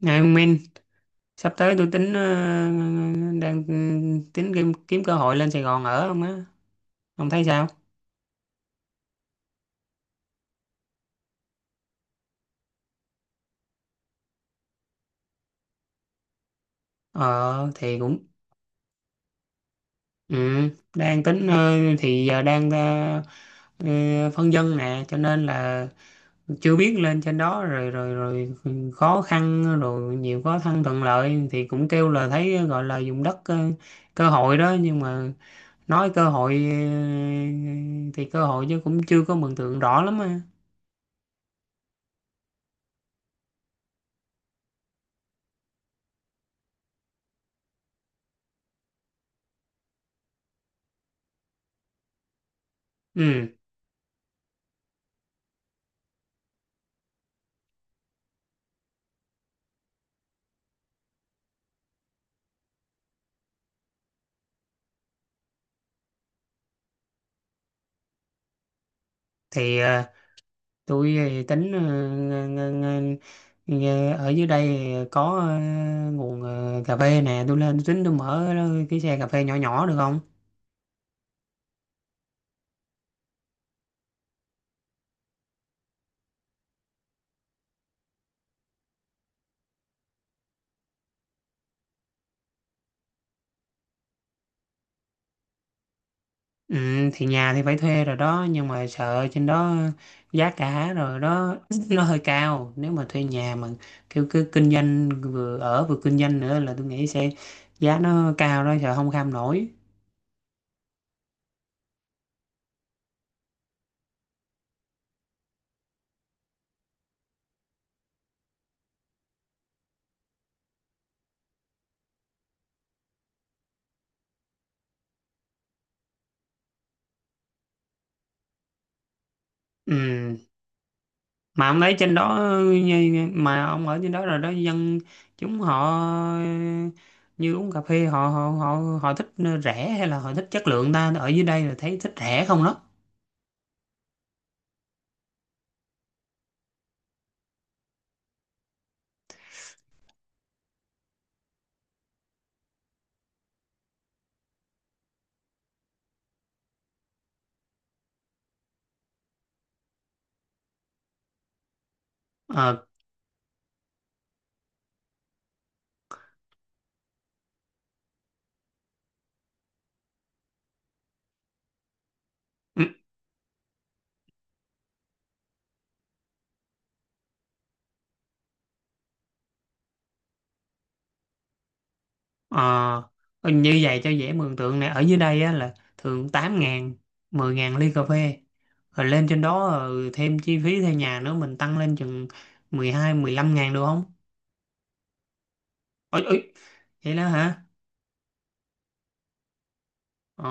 Này ông Minh, sắp tới tôi tính đang tính kiếm cơ hội lên Sài Gòn ở không á. Ông thấy sao? Ờ thì cũng ừ, đang tính thì giờ đang ờ, phân vân nè, cho nên là chưa biết lên trên đó rồi rồi rồi khó khăn rồi nhiều khó khăn thuận lợi thì cũng kêu là thấy gọi là dùng đất cơ hội đó, nhưng mà nói cơ hội thì cơ hội chứ cũng chưa có mường tượng rõ lắm á. Ừ, thì tôi thì tính ng- ng- ở dưới đây thì có nguồn cà phê nè, tôi lên tính tôi mở cái xe cà phê nhỏ nhỏ được không? Ừ, thì nhà thì phải thuê rồi đó, nhưng mà sợ trên đó giá cả rồi đó nó hơi cao, nếu mà thuê nhà mà kiểu cứ kinh doanh, vừa ở vừa kinh doanh nữa là tôi nghĩ sẽ giá nó cao đó, sợ không kham nổi. Ừ, mà ông lấy trên đó mà ông ở trên đó rồi đó, dân chúng họ như uống cà phê họ họ họ họ thích rẻ hay là họ thích chất lượng ta? Ở dưới đây là thấy thích rẻ không đó. Ờ, ừ, ờ, như vậy cho dễ mường tượng nè. Ở dưới đây á, là thường 8.000 10.000 ly cà phê, rồi lên trên đó thêm chi phí thuê nhà nữa mình tăng lên chừng 12, 15.000 được không? Ôi, ôi, vậy đó hả? Ồ,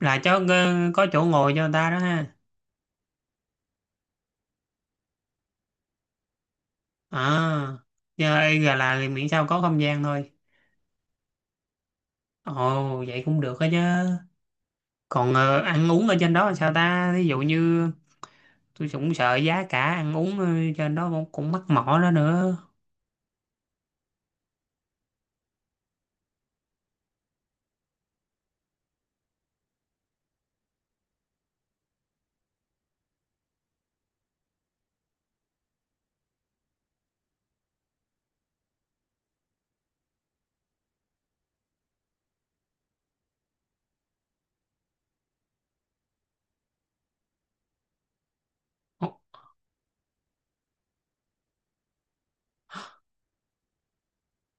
là cho có chỗ ngồi cho người ta đó ha? À, chơi gà là thì miễn sao có không gian thôi. Ồ, vậy cũng được đó chứ. Còn ăn uống ở trên đó là sao ta? Ví dụ như tôi cũng sợ giá cả ăn uống trên đó cũng mắc mỏ đó nữa. Ồ,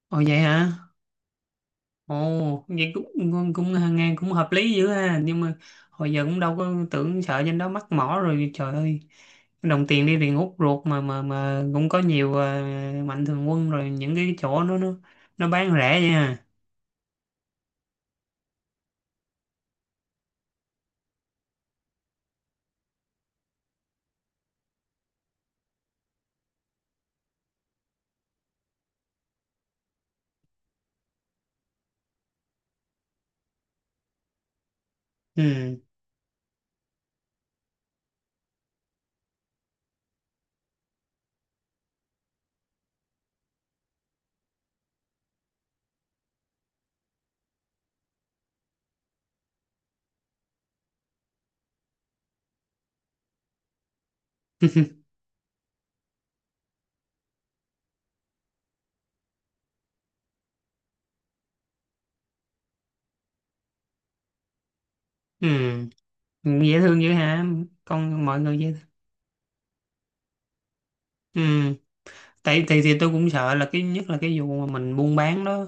ồ, vậy hả? Ồ, vậy cũng cũng, cũng nghe cũng hợp lý dữ ha. Nhưng mà hồi giờ cũng đâu có tưởng, sợ trên đó mắc mỏ rồi. Trời ơi, đồng tiền đi tiền hút ruột, mà cũng có nhiều mạnh thường quân rồi những cái chỗ nó bán rẻ vậy ha. Ừ. Ừ, dễ thương dữ hả, con mọi người dễ thương. Ừ, tại thì tôi cũng sợ là cái nhất là cái vụ mà mình buôn bán đó,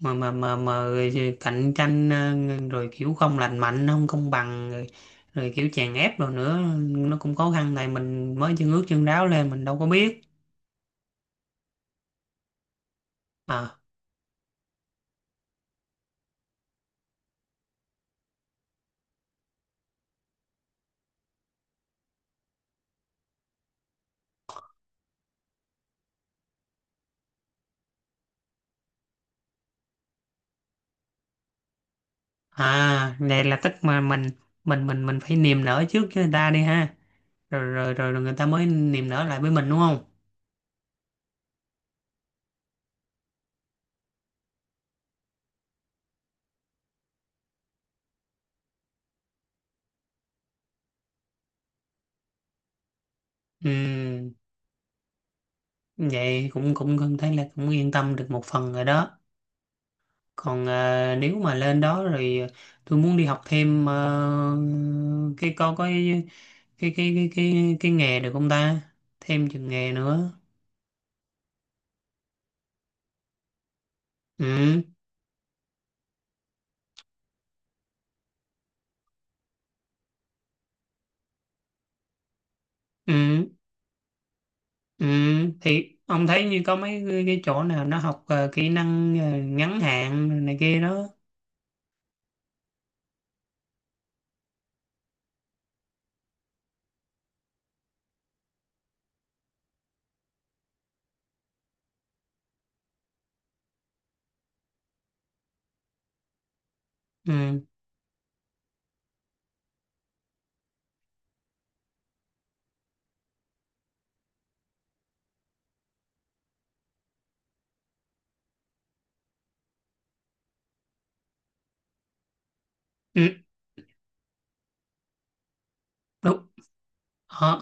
mà rồi cạnh tranh rồi kiểu không lành mạnh, không công bằng rồi, rồi kiểu chèn ép rồi nữa, nó cũng khó khăn này, mình mới chân ướt chân ráo lên mình đâu có biết. À, này là tức mà mình phải niềm nở trước với người ta đi ha, rồi người ta mới niềm nở lại với mình đúng không? Ừ, vậy cũng cũng cũng thấy là cũng yên tâm được một phần rồi đó. Còn nếu mà lên đó rồi tôi muốn đi học thêm cái có cái nghề được không ta, thêm chừng nghề nữa? Ừ, ừ, ừ. Thì ông thấy như có mấy cái chỗ nào nó học kỹ năng ngắn hạn này kia đó? Ừ, ừ, đúng. Ờ,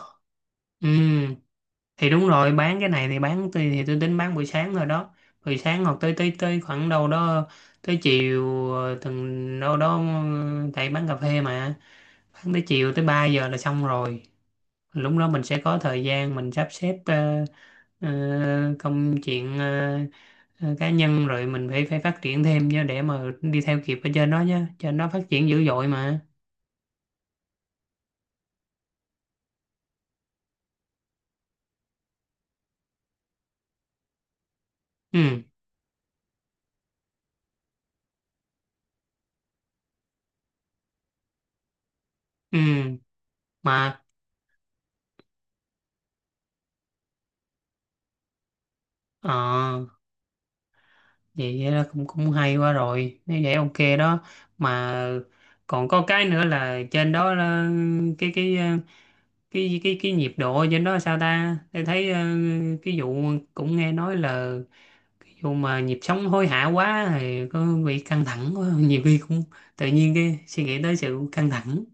ừ, thì đúng rồi, bán cái này thì bán, tôi thì tôi tính bán buổi sáng rồi đó, buổi sáng hoặc tới tới tới khoảng đâu đó tới chiều, từng đâu đó tại bán cà phê mà, bán tới chiều tới 3 giờ là xong rồi. Lúc đó mình sẽ có thời gian mình sắp xếp công chuyện cá nhân, rồi mình phải phải phát triển thêm chứ, để mà đi theo kịp ở trên đó chứ, trên đó phát triển dữ dội mà. Ừ, ừ. Mà ờ, vậy là cũng cũng hay quá rồi, nếu vậy ok đó. Mà còn có cái nữa là trên đó là cái ờ, cái nhiệt độ trên đó sao ta? Tôi thấy cái vụ cũng nghe nói là cái vụ mà nhịp sống hối hả quá thì có bị căng thẳng quá nhiều khi cũng tự nhiên cái suy nghĩ tới sự căng thẳng.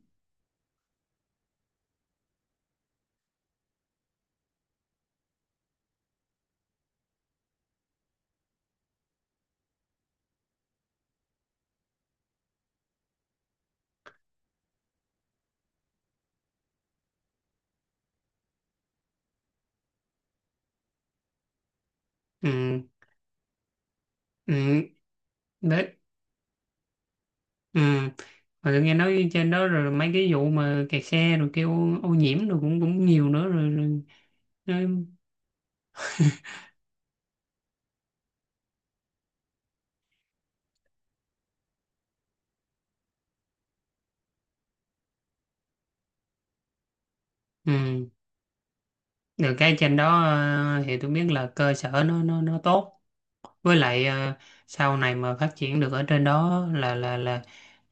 Ừ, ừ, đấy, ừ. Mà tôi nghe nói trên đó rồi mấy cái vụ mà kẹt xe rồi kêu ô nhiễm rồi cũng cũng nhiều nữa rồi. Ừ. Được cái trên đó thì tôi biết là cơ sở nó tốt. Với lại sau này mà phát triển được ở trên đó là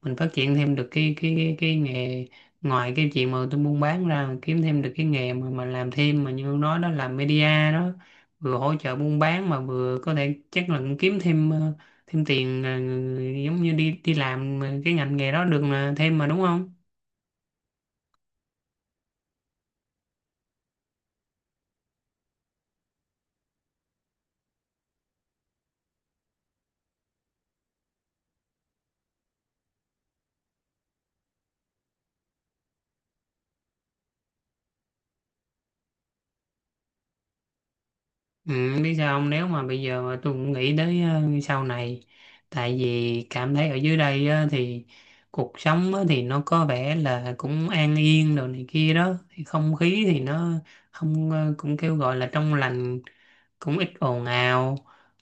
mình phát triển thêm được cái nghề, ngoài cái chuyện mà tôi buôn bán ra, kiếm thêm được cái nghề mà làm thêm, mà như ông nói đó, làm media đó, vừa hỗ trợ buôn bán mà vừa có thể chắc là cũng kiếm thêm thêm tiền giống như đi đi làm cái ngành nghề đó được là thêm mà, đúng không? Ừ, biết sao không, nếu mà bây giờ mà tôi cũng nghĩ tới sau này, tại vì cảm thấy ở dưới đây á, thì cuộc sống á, thì nó có vẻ là cũng an yên đồ này kia đó, thì không khí thì nó không cũng kêu gọi là trong lành, cũng ít ồn ào,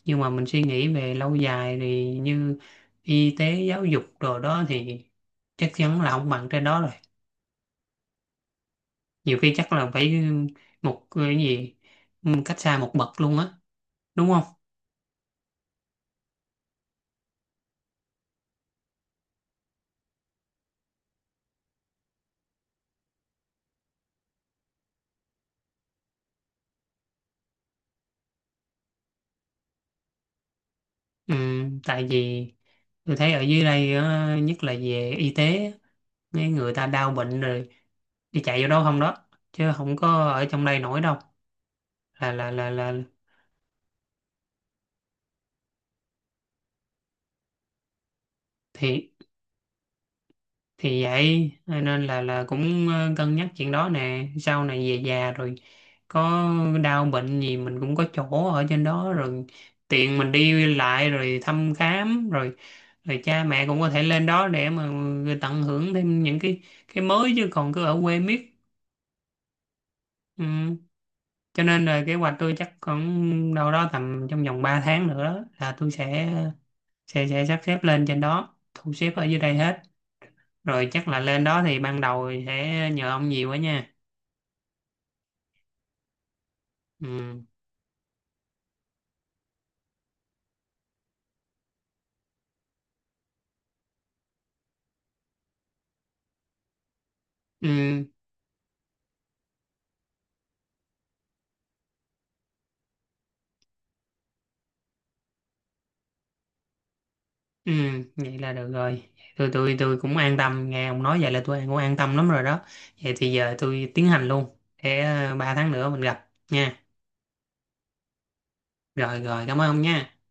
nhưng mà mình suy nghĩ về lâu dài thì như y tế, giáo dục đồ đó thì chắc chắn là không bằng trên đó rồi, nhiều khi chắc là phải một cái gì cách xa một bậc luôn á, đúng không? Ừ, tại vì tôi thấy ở dưới đây á, nhất là về y tế á, mấy người ta đau bệnh rồi đi chạy vô đâu không đó, chứ không có ở trong đây nổi đâu, là thì thì vậy nên là cũng cân nhắc chuyện đó nè, sau này về già rồi có đau bệnh gì mình cũng có chỗ ở trên đó rồi, tiện mình đi lại rồi thăm khám rồi, rồi cha mẹ cũng có thể lên đó để mà ừ, tận hưởng thêm những cái mới chứ, còn cứ ở quê miết. Ừ. Cho nên là kế hoạch tôi chắc khoảng đâu đó tầm trong vòng 3 tháng nữa đó, là tôi sẽ sắp xếp lên trên đó, thu xếp ở dưới đây hết. Rồi chắc là lên đó thì ban đầu sẽ nhờ ông nhiều quá nha. Ừ. Ừ. Ừ. Vậy là được rồi. Tôi cũng an tâm, nghe ông nói vậy là tôi cũng an tâm lắm rồi đó. Vậy thì giờ tôi tiến hành luôn. Để 3 tháng nữa mình gặp nha. Rồi rồi cảm ơn ông nha.